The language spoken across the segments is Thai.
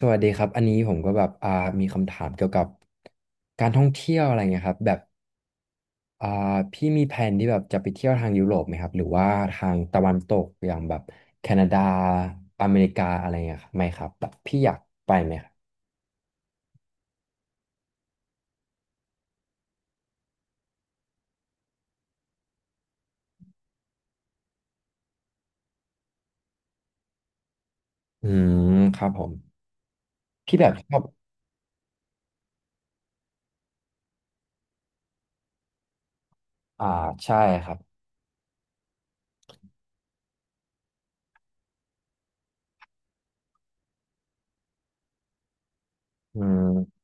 สวัสดีครับอันนี้ผมก็แบบมีคำถามเกี่ยวกับการท่องเที่ยวอะไรเงี้ยครับแบบอ่าพี่มีแผนที่แบบจะไปเที่ยวทางยุโรปไหมครับหรือว่าทางตะวันตกอย่างแบบแคนาดาอเมริกาอะไรเงี้ยครับไหมครับแบบพี่อยากไปไหมครับอืมครับผมพี่แบบชอบอ่าใช่ครับอืม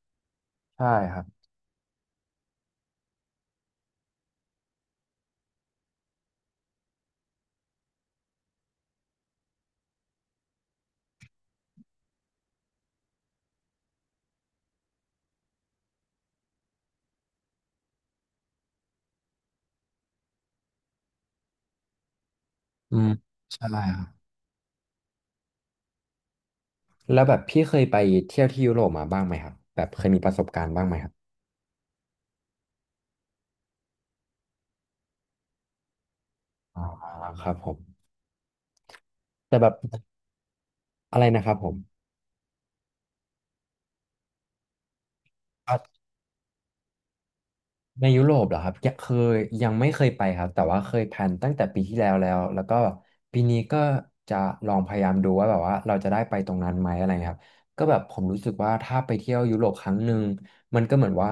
ใช่ครับอืมใช่ครับแล้วแบบพี่เคยไปเที่ยวที่ยุโรปมาบ้างไหมครับแบบเคยมีประสบการณ์บ้างไหมครับอ่าครับผมแต่แบบอะไรนะครับผม ในยุโรปเหรอครับยังเคยยังไม่เคยไปครับแต่ว่าเคยแพลนตั้งแต่ปีที่แล้วแล้วก็ปีนี้ก็จะลองพยายามดูว่าแบบว่าเราจะได้ไปตรงนั้นไหมอะไรเงี้ยครับก็แบบผมรู้สึกว่าถ้าไปเที่ยวยุโรปครั้งหนึ่งมันก็เหมือนว่า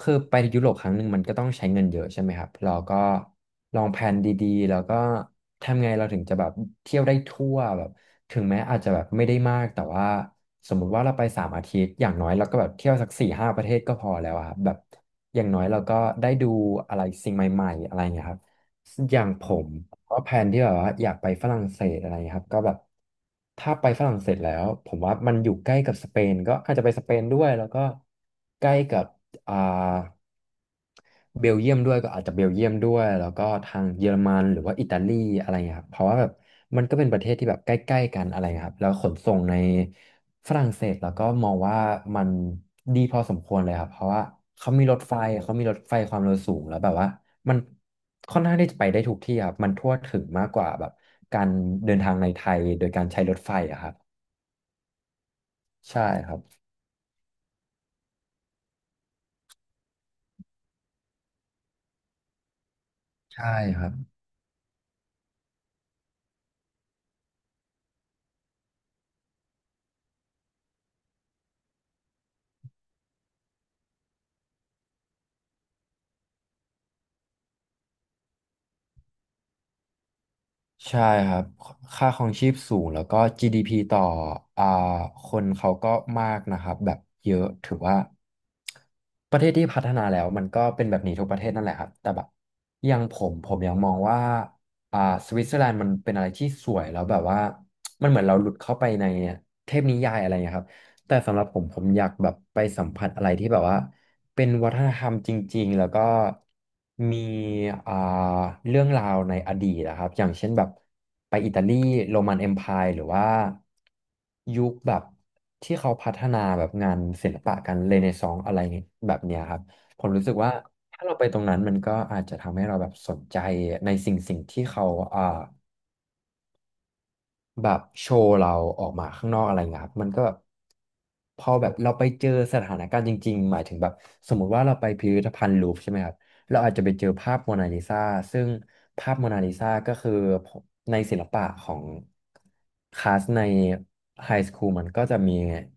คือไปยุโรปครั้งหนึ่งมันก็ต้องใช้เงินเยอะใช่ไหมครับเราก็ลองแพลนดีๆแล้วก็ทำไงเราถึงจะแบบเที่ยวได้ทั่วแบบถึงแม้อาจจะแบบไม่ได้มากแต่ว่า สมมุติว่าเราไปสามอาทิตย์อย่างน้อยเราก็แบบเที่ยวสักสี่ห้าประเทศก็พอแล้วอะครับแบบอย่างน้อยเราก็ได้ดูอะไรสิ่งใหม่ๆอะไรเงี้ยครับอย่างผมก็แพลนที่แบบว่าอยากไปฝรั่งเศสอะไรเงี้ยครับก็แบบถ้าไปฝรั่งเศสแล้วผมว่ามันอยู่ใกล้กับสเปนก็อาจจะไปสเปนด้วยแล้วก็ใกล้กับอ่า เบลเยียมด้วยก็อาจจะเบลเยียมด้วยแล้วก็ทางเยอรมันหรือว่าอิตาลีอะไรเงี้ยครับเพราะว่าแบบมันก็เป็นประเทศที่แบบใกล้ๆกันอะไรเงี้ยครับแล้วขนส่งในฝรั่งเศสแล้วก็มองว่ามันดีพอสมควรเลยครับเพราะว่าเขามีรถไฟเขามีรถไฟความเร็วสูงแล้วแบบว่ามันค่อนข้างที่จะไปได้ทุกที่ครับมันทั่วถึงมากกว่าแบบการเดินทางในไทยโดยการใช้รถไฟอะครับใช่ครับใช่ครับ ใช่ครับค่าครองชีพสูงแล้วก็ GDP ต่ออ่าคนเขาก็มากนะครับแบบเยอะถือว่าประเทศที่พัฒนาแล้วมันก็เป็นแบบนี้ทุกประเทศนั่นแหละครับแต่แบบอยังผมยังมองว่าอ่าสวิตเซอร์แลนด์มันเป็นอะไรที่สวยแล้วแบบว่ามันเหมือนเราหลุดเข้าไปในเทพนิยายอะไรอย่างเงี้ยครับ แต่สำหรับผมผมอยากแบบไปสัมผัสอะไรที่แบบว่าเป็นวัฒนธรรมจริงๆแล้วก็มีอ่าเรื่องราวในอดีตนะครับอย่างเช่นแบบไปอิตาลีโรมันเอ็มไพร์หรือว่ายุคแบบที่เขาพัฒนาแบบงานศิลปะกันเรเนซองส์อะไรแบบเนี้ยครับผมรู้สึกว่าถ้าเราไปตรงนั้นมันก็อาจจะทำให้เราแบบสนใจในสิ่งที่เขาอ่า แบบโชว์เราออกมาข้างนอกอะไรเงี้ยครับมันก็แบบพอแบบเราไปเจอสถานการณ์จริงๆหมายถึงแบบสมมุติว่าเราไปพิพิธภัณฑ์ลูฟร์ใช่ไหมครับเราอาจจะไปเจอภาพโมนาลิซาซึ่งภาพโมนาลิซาก็คือในศิลปะของคลาสในไฮสคูลมันก็จะมี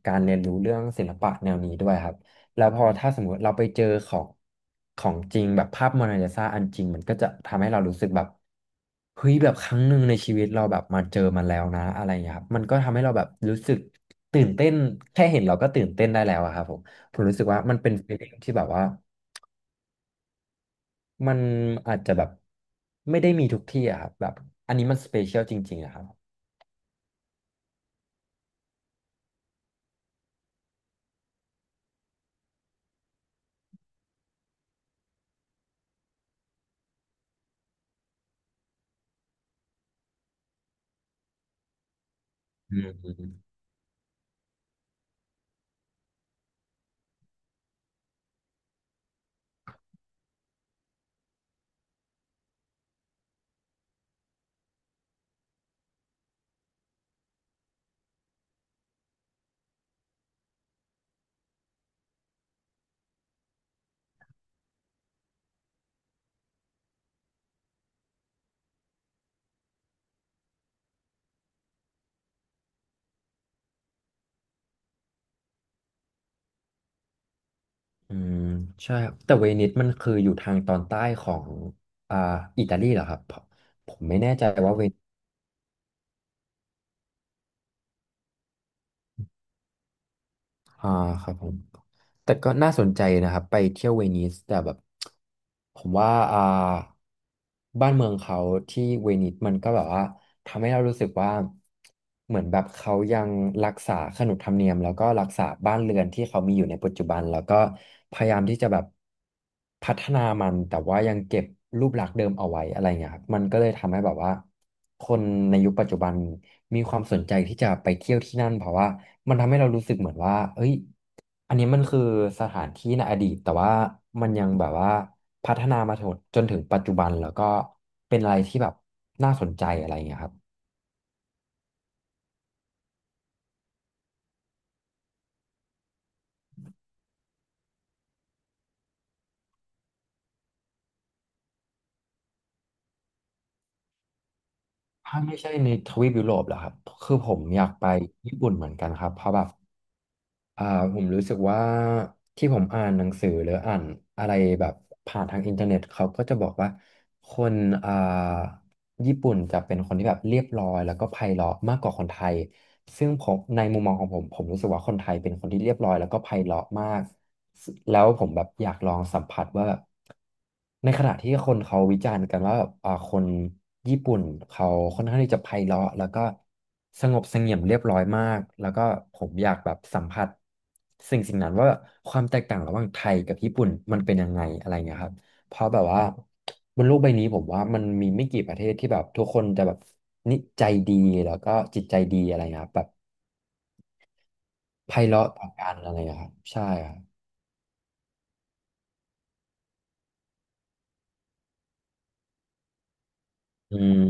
การเรียนรู้เรื่องศิลปะแนวนี้ด้วยครับ แล้วพอถ้าสมมติเราไปเจอของจริงแบบภาพโมนาลิซาอันจริงมันก็จะทำให้เรารู้สึกแบบเฮ้ยแบบครั้งหนึ่งในชีวิตเราแบบมาเจอมันแล้วนะอะไรอย่างเงี้ยครับมันก็ทำให้เราแบบรู้สึกตื่นเต้นแค่เห็นเราก็ตื่นเต้นได้แล้วอะครับผมผมรู้สึกว่ามันเป็น feeling ที่แบบว่ามันอาจจะแบบไม่ได้มีทุกที่อะครับแบบอันนี้มันสเปเชียลจริงๆอะครับอืมอืมอืมใช่ครับแต่เวนิสมันคืออยู่ทางตอนใต้ของอ่าอิตาลีเหรอครับผมผมไม่แน่ใจว่าเว อ่าครับผม แต่ก็น่าสนใจนะครับไปเที่ยวเวนิสแต่แบบผมว่าบ้านเมืองเขาที่เวนิสมันก็แบบว่าทำให้เรารู้สึกว่าเหมือนแบบเขายังรักษาขนบธรรมเนียมแล้วก็รักษาบ้านเรือนที่เขามีอยู่ในปัจจุบันแล้วก็พยายามที่จะแบบพัฒนามันแต่ว่ายังเก็บรูปลักษณ์เดิมเอาไว้อะไรเงี้ยครับมันก็เลยทำให้แบบว่าคนในยุคปัจจุบันมีความสนใจที่จะไปเที่ยวที่นั่นเพราะว่ามันทำให้เรารู้สึกเหมือนว่าเอ้ย อันนี้มันคือสถานที่ในอดีตแต่ว่ามันยังแบบว่าพัฒนามาถึงจนถึงปัจจุบันแล้วก็เป็นอะไรที่แบบน่าสนใจอะไรอย่างเงี้ยครับถ้าไม่ใช่ในทวีปยุโรปเหรอครับคือผมอยากไปญี่ปุ่นเหมือนกันครับเพราะแบบอ่าผมรู้สึกว่าที่ผมอ่านหนังสือหรืออ่านอะไรแบบผ่านทางอินเทอร์เน็ตเขาก็จะบอกว่าคนอ่า ญี่ปุ่นจะเป็นคนที่แบบเรียบร้อยแล้วก็ไพเราะมากกว่าคนไทยซึ่งผมในมุมมองของผมผมรู้สึกว่าคนไทยเป็นคนที่เรียบร้อยแล้วก็ไพเราะมากแล้วผมแบบอยากลองสัมผัสว่าแบบในขณะที่คนเขาวิจารณ์กันว่าแบบคนญี่ปุ่นเขาค่อนข้างที่จะไพเราะแล้วก็สงบเสงี่ยมเรียบร้อยมากแล้วก็ผมอยากแบบสัมผัสสิ่งนั้นว่าความแตกต่างระหว่างไทยกับญี่ปุ่นมันเป็นยังไงอะไรเงี้ยครับ เพราะแบบว่าบนโลกใบนี้ผมว่ามันมีไม่กี่ประเทศที่แบบทุกคนจะแบบนิจใจดีแล้วก็จิตใจดีอะไรเงี้ยครับแบบไพเราะต่อกันอะไรเงี้ยครับใช่ครับอืม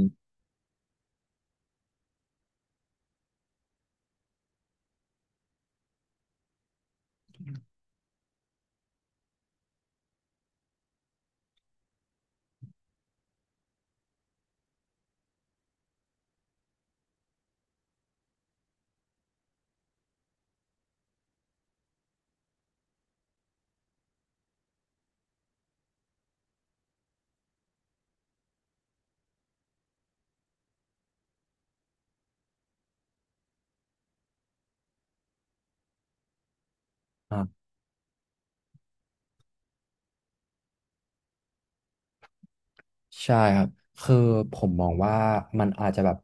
ใช่ครับ คือผมมองว่ามันอาจจะแบบ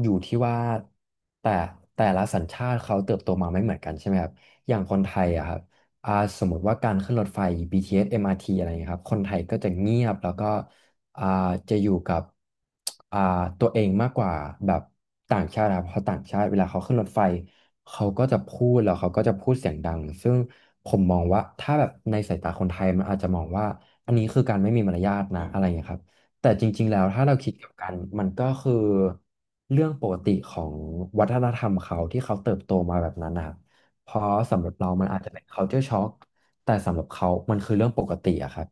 อยู่ที่ว่าแต่แต่ละสัญชาติเขาเติบโตมาไม่เหมือนกันใช่ไหมครับอย่างคนไทยอะครับอ่าสมมติว่าการขึ้นรถไฟ BTS MRT อสเอ็มอาร์ทีอะไรอย่างเงี้ยครับคนไทยก็จะเงียบแล้วก็อ่าจะอยู่กับอ่าตัวเองมากกว่าแบบต่างชาตินะครับเพราะต่างชาติเวลาเขาขึ้นรถไฟเขาก็จะพูดแล้วเขาก็จะพูดเสียงดังซึ่งผมมองว่าถ้าแบบในสายตาคนไทยมันอาจจะมองว่าอันนี้คือการไม่มีมารยาทนะอะไรอย่างเงี้ยครับ แต่จริงๆ แล้วถ้าเราคิดกลับกันมันก็คือเรื่องปกติของวัฒนธรรมเขาที่เขาเติบโตมาแบบนั้นนะครับเพราะสำหรับเรามันอาจจะเป็น culture shock แต่สำหรับเขามันคือเรื่องปกติอะครับ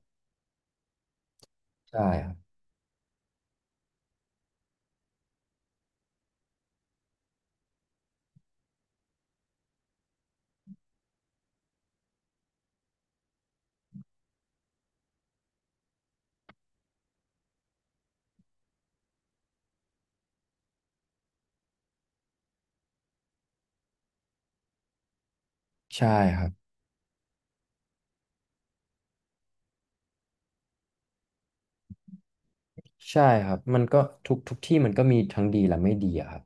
ใช่ครับใช่ครับใช่ครับมันก็ทุกที่มันก็มีทั้งดีและไม่ดีอะครับ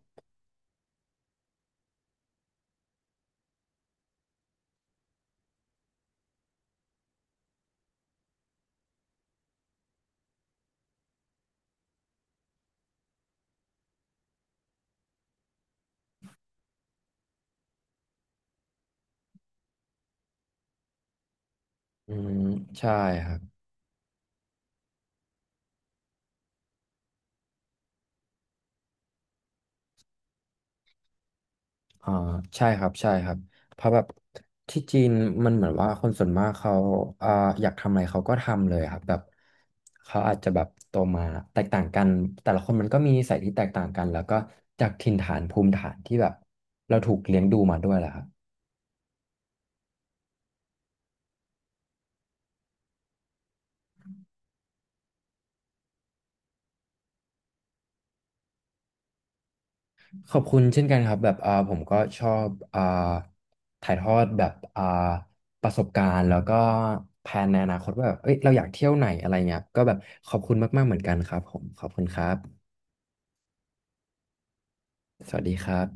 อืมใช่ครับ อ่าใช่ครับใช่ครับเพราะแบบที่จีนมันเหมือนว่าคนส่วนมากเขาอ่าอยากทำอะไรเขาก็ทำเลยครับแบบเขาอาจจะแบบโตมาแตกต่างกันแต่ละคนมันก็มีนิสัยที่แตกต่างกันแล้วก็จากถิ่นฐานภูมิฐานที่แบบเราถูกเลี้ยงดูมาด้วยแหละครับขอบคุณเช่นกันครับแบบผมก็ชอบถ่ายทอดแบบประสบการณ์แล้วก็แผนในอนาคตว่าแบบเอ้ยเราอยากเที่ยวไหนอะไรเงี้ยก็แบบขอบคุณมากๆเหมือนกันครับผมขอบคุณครับสวัสดีครับ